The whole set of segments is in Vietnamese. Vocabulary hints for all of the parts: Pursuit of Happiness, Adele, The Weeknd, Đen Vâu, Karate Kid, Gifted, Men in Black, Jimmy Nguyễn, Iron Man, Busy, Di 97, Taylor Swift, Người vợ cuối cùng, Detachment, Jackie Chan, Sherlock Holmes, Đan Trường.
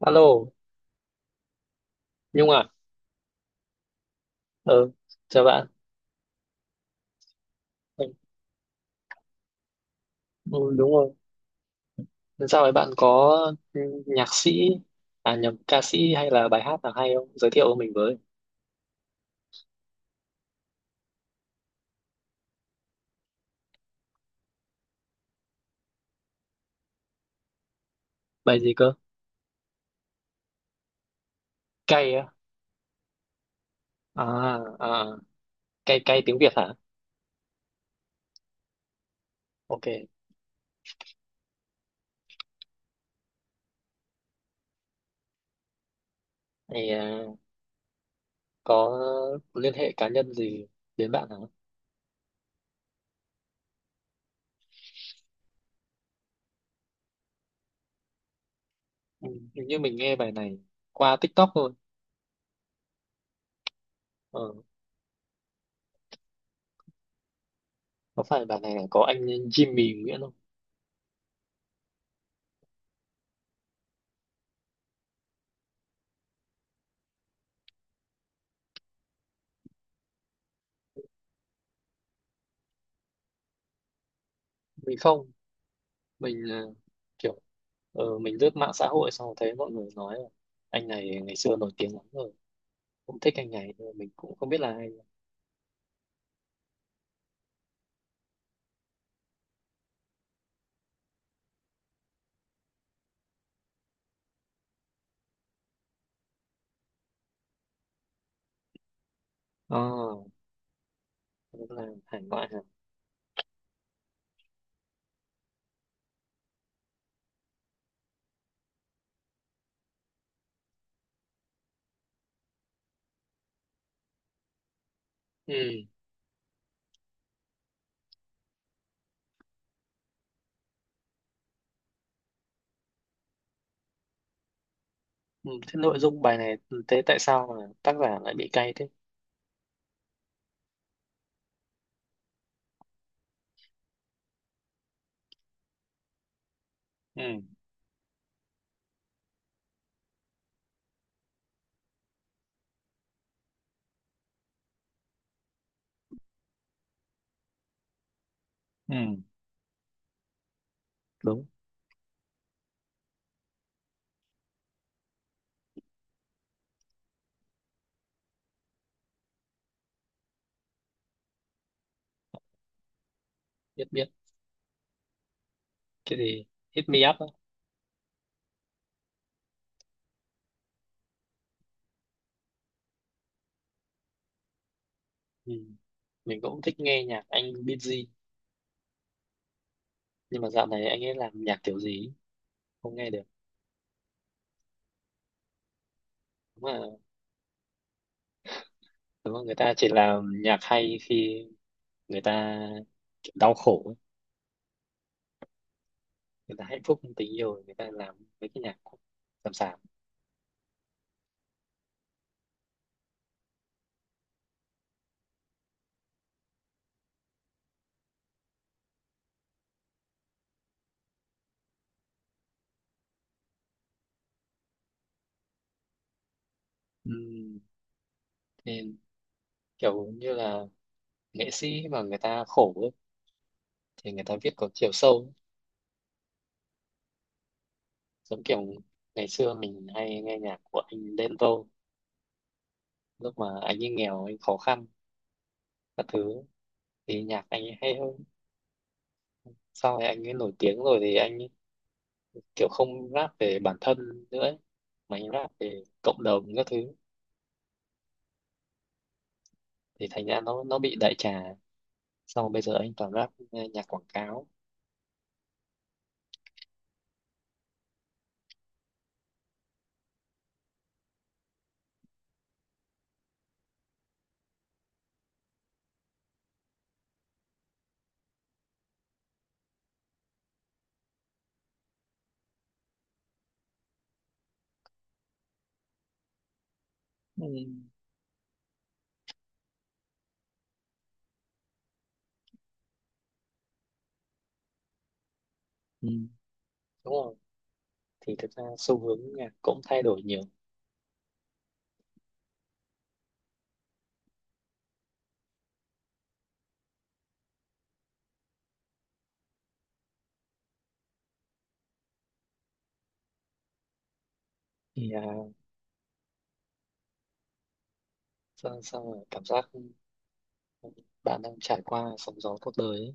Alo, Nhung à? Ừ, chào bạn. Ừ, ừ, đúng rồi. Sao ấy bạn có ừ, nhạc sĩ, à nhầm, ca sĩ hay là bài hát nào hay không? Giới thiệu mình với. Bài gì cơ? Cay á? À, à, cay cay tiếng Việt hả? Ok. Thì có liên hệ cá nhân gì đến bạn hả? Ừ, hình như mình nghe bài này qua TikTok thôi. Ờ, có phải bài này có anh Jimmy Nguyễn không? Mình không. Mình à, kiểu mình lướt mạng xã hội xong thấy mọi người nói là anh này ngày xưa nổi tiếng lắm rồi, cũng thích anh này nhưng mà mình cũng không biết là ai. À, cũng là hải ngoại hả? Ừ. Ừ. Thế nội dung bài này, thế tại sao mà tác giả lại bị cay thế? Ừ. Ừ. Đúng. Biết biết. Cái gì? Hit me up á? Ừ. Mình cũng thích nghe nhạc anh Busy, nhưng mà dạo này anh ấy làm nhạc kiểu gì ấy, không nghe được. Đúng là đúng là người ta chỉ làm nhạc hay khi người ta kiểu đau khổ ấy. Người ta hạnh phúc trong tình yêu người ta làm mấy cái nhạc sàm sàm. Ừm, Nên kiểu như là nghệ sĩ mà người ta khổ ấy, thì người ta viết có chiều sâu. Giống kiểu ngày xưa mình hay nghe nhạc của anh Đen Vâu, lúc mà anh ấy nghèo anh khó khăn các thứ thì nhạc anh ấy hay hơn. Sau này anh ấy nổi tiếng rồi thì anh ấy kiểu không rap về bản thân nữa ấy, mà anh rap về cộng đồng các thứ, thì thành ra nó bị đại trà. Sau bây giờ anh toàn rap nghe nhạc quảng cáo. Ừm. Ừm. Đúng không? Thì thực ra xu hướng nhạc cũng thay đổi nhiều. Thì sao mà cảm giác bạn đang trải qua sóng gió cuộc đời ấy.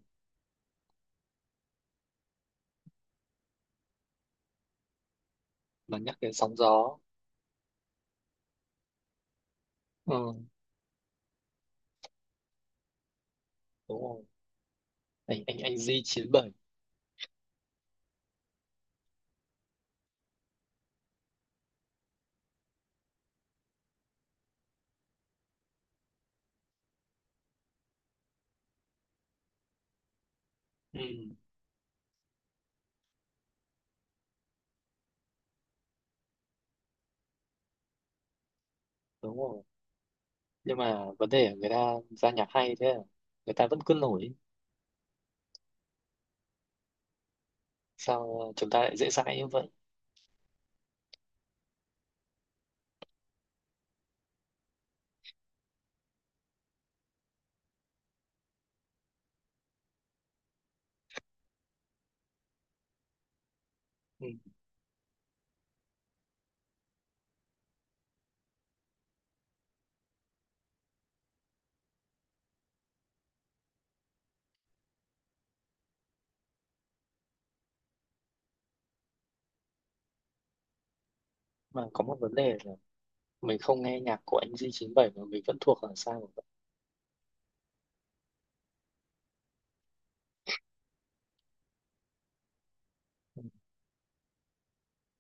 Mà nhắc đến sóng gió, ừ, đúng rồi, anh Di 97. Ừ, đúng rồi. Nhưng mà vấn đề là người ta ra nhạc hay thế à? Người ta vẫn cứ nổi. Sao chúng ta lại dễ dãi như vậy? Ừ. Mà có một vấn đề là mình không nghe nhạc của anh Di chín bảy mà mình vẫn thuộc là sao vậy? Ừ.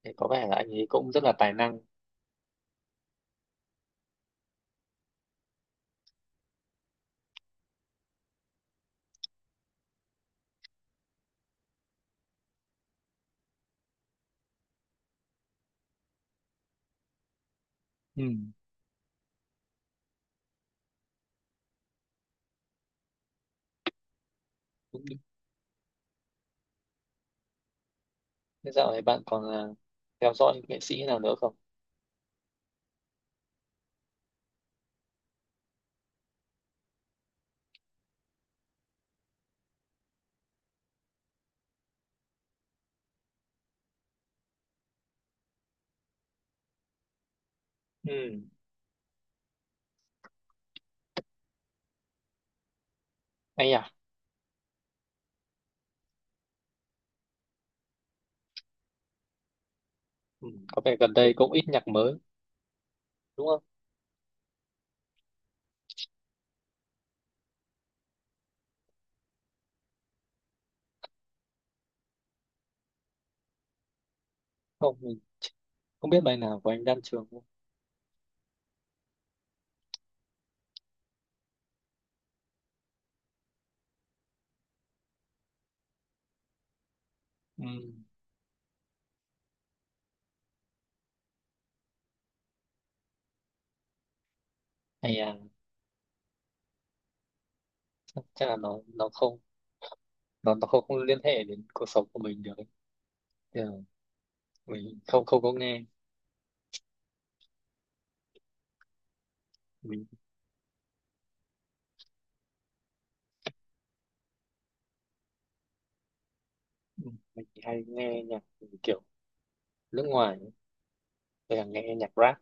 Thế có vẻ là anh ấy cũng rất là tài năng. Ừ. Thế dạo này bạn còn theo dõi những nghệ sĩ nào nữa không? Ừ, hay à? Ừ, có vẻ gần đây cũng ít nhạc mới, đúng không? Không, mình không biết bài nào của anh Đan Trường không? Ừ, hay à? Chắc là nó không, nó không liên hệ đến cuộc sống của mình được ấy. Thì là mình không không có nghe. Mình mình chỉ hay nghe nhạc kiểu nước ngoài, hay là nghe nhạc rap.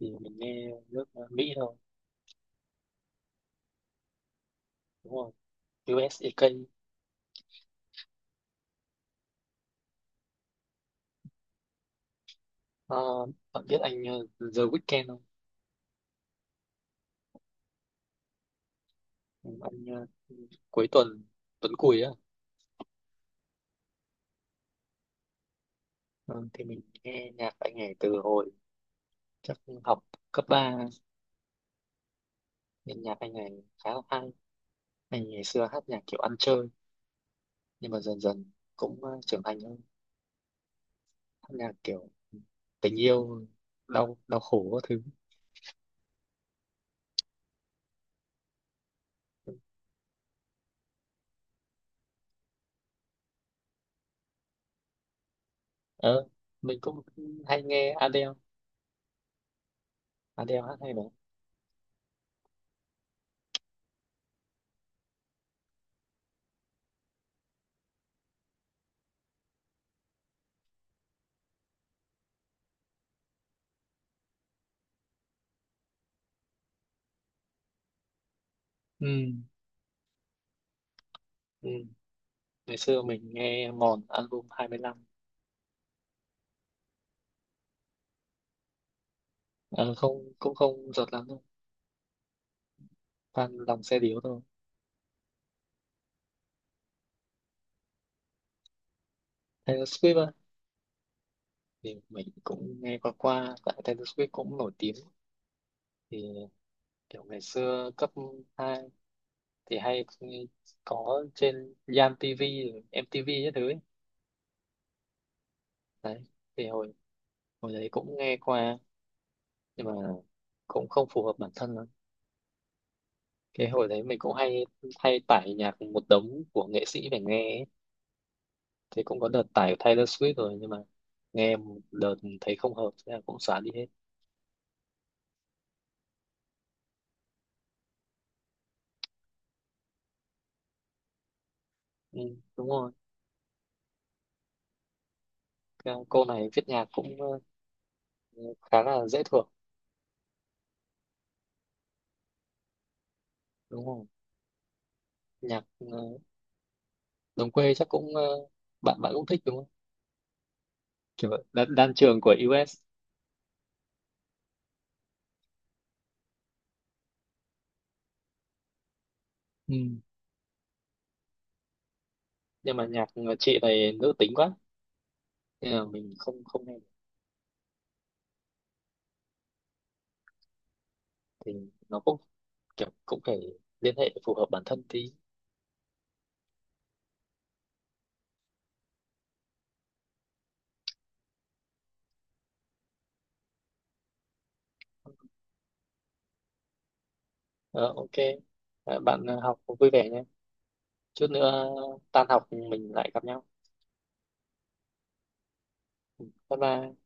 Thì mình nghe nước Mỹ thôi, đúng không? USAK. Ờ, bạn biết anh The Weeknd không? Anh ờ, cuối tuần, tuần cùi á. Ờ, thì mình nghe nhạc anh này từ hồi chắc học cấp ba, nên nhạc anh này khá là hay. Anh ngày xưa hát nhạc kiểu ăn chơi nhưng mà dần dần cũng trưởng thành hơn, hát nhạc kiểu tình yêu đau đau khổ các thứ. ờ mình cũng hay nghe Adele. Adele hát hay mà. Ừ. Ừ. Ngày xưa mình nghe mòn album 25. Ờ Không, cũng không giọt lắm đâu, toàn lòng xe điếu thôi. Taylor Swift thì mình cũng nghe qua qua, tại Taylor Swift cũng nổi tiếng. Thì kiểu ngày xưa cấp 2 thì hay có trên Yam TV rồi MTV các thứ ấy. Đấy, thì hồi hồi đấy cũng nghe qua, nhưng mà cũng không phù hợp bản thân lắm. Cái hồi đấy mình cũng hay hay tải nhạc một đống của nghệ sĩ để nghe ấy. Thì cũng có đợt tải Taylor Swift rồi, nhưng mà nghe một đợt thấy không hợp thế là cũng xóa đi hết. Ừ, đúng rồi. Cái cô này viết nhạc cũng khá là dễ thuộc. Đúng rồi, nhạc đồng quê chắc cũng bạn bạn cũng thích đúng không? Kiểu Đan Trường của US. Ừ. Nhưng mà nhạc chị này nữ tính quá, nên là mình không không nghe được. Thì nó cũng kiểu cũng phải liên hệ phù hợp bản thân tí. Ờ, ok. Ờ, bạn học vui vẻ nhé, chút nữa tan học mình lại gặp nhau. Bye bye.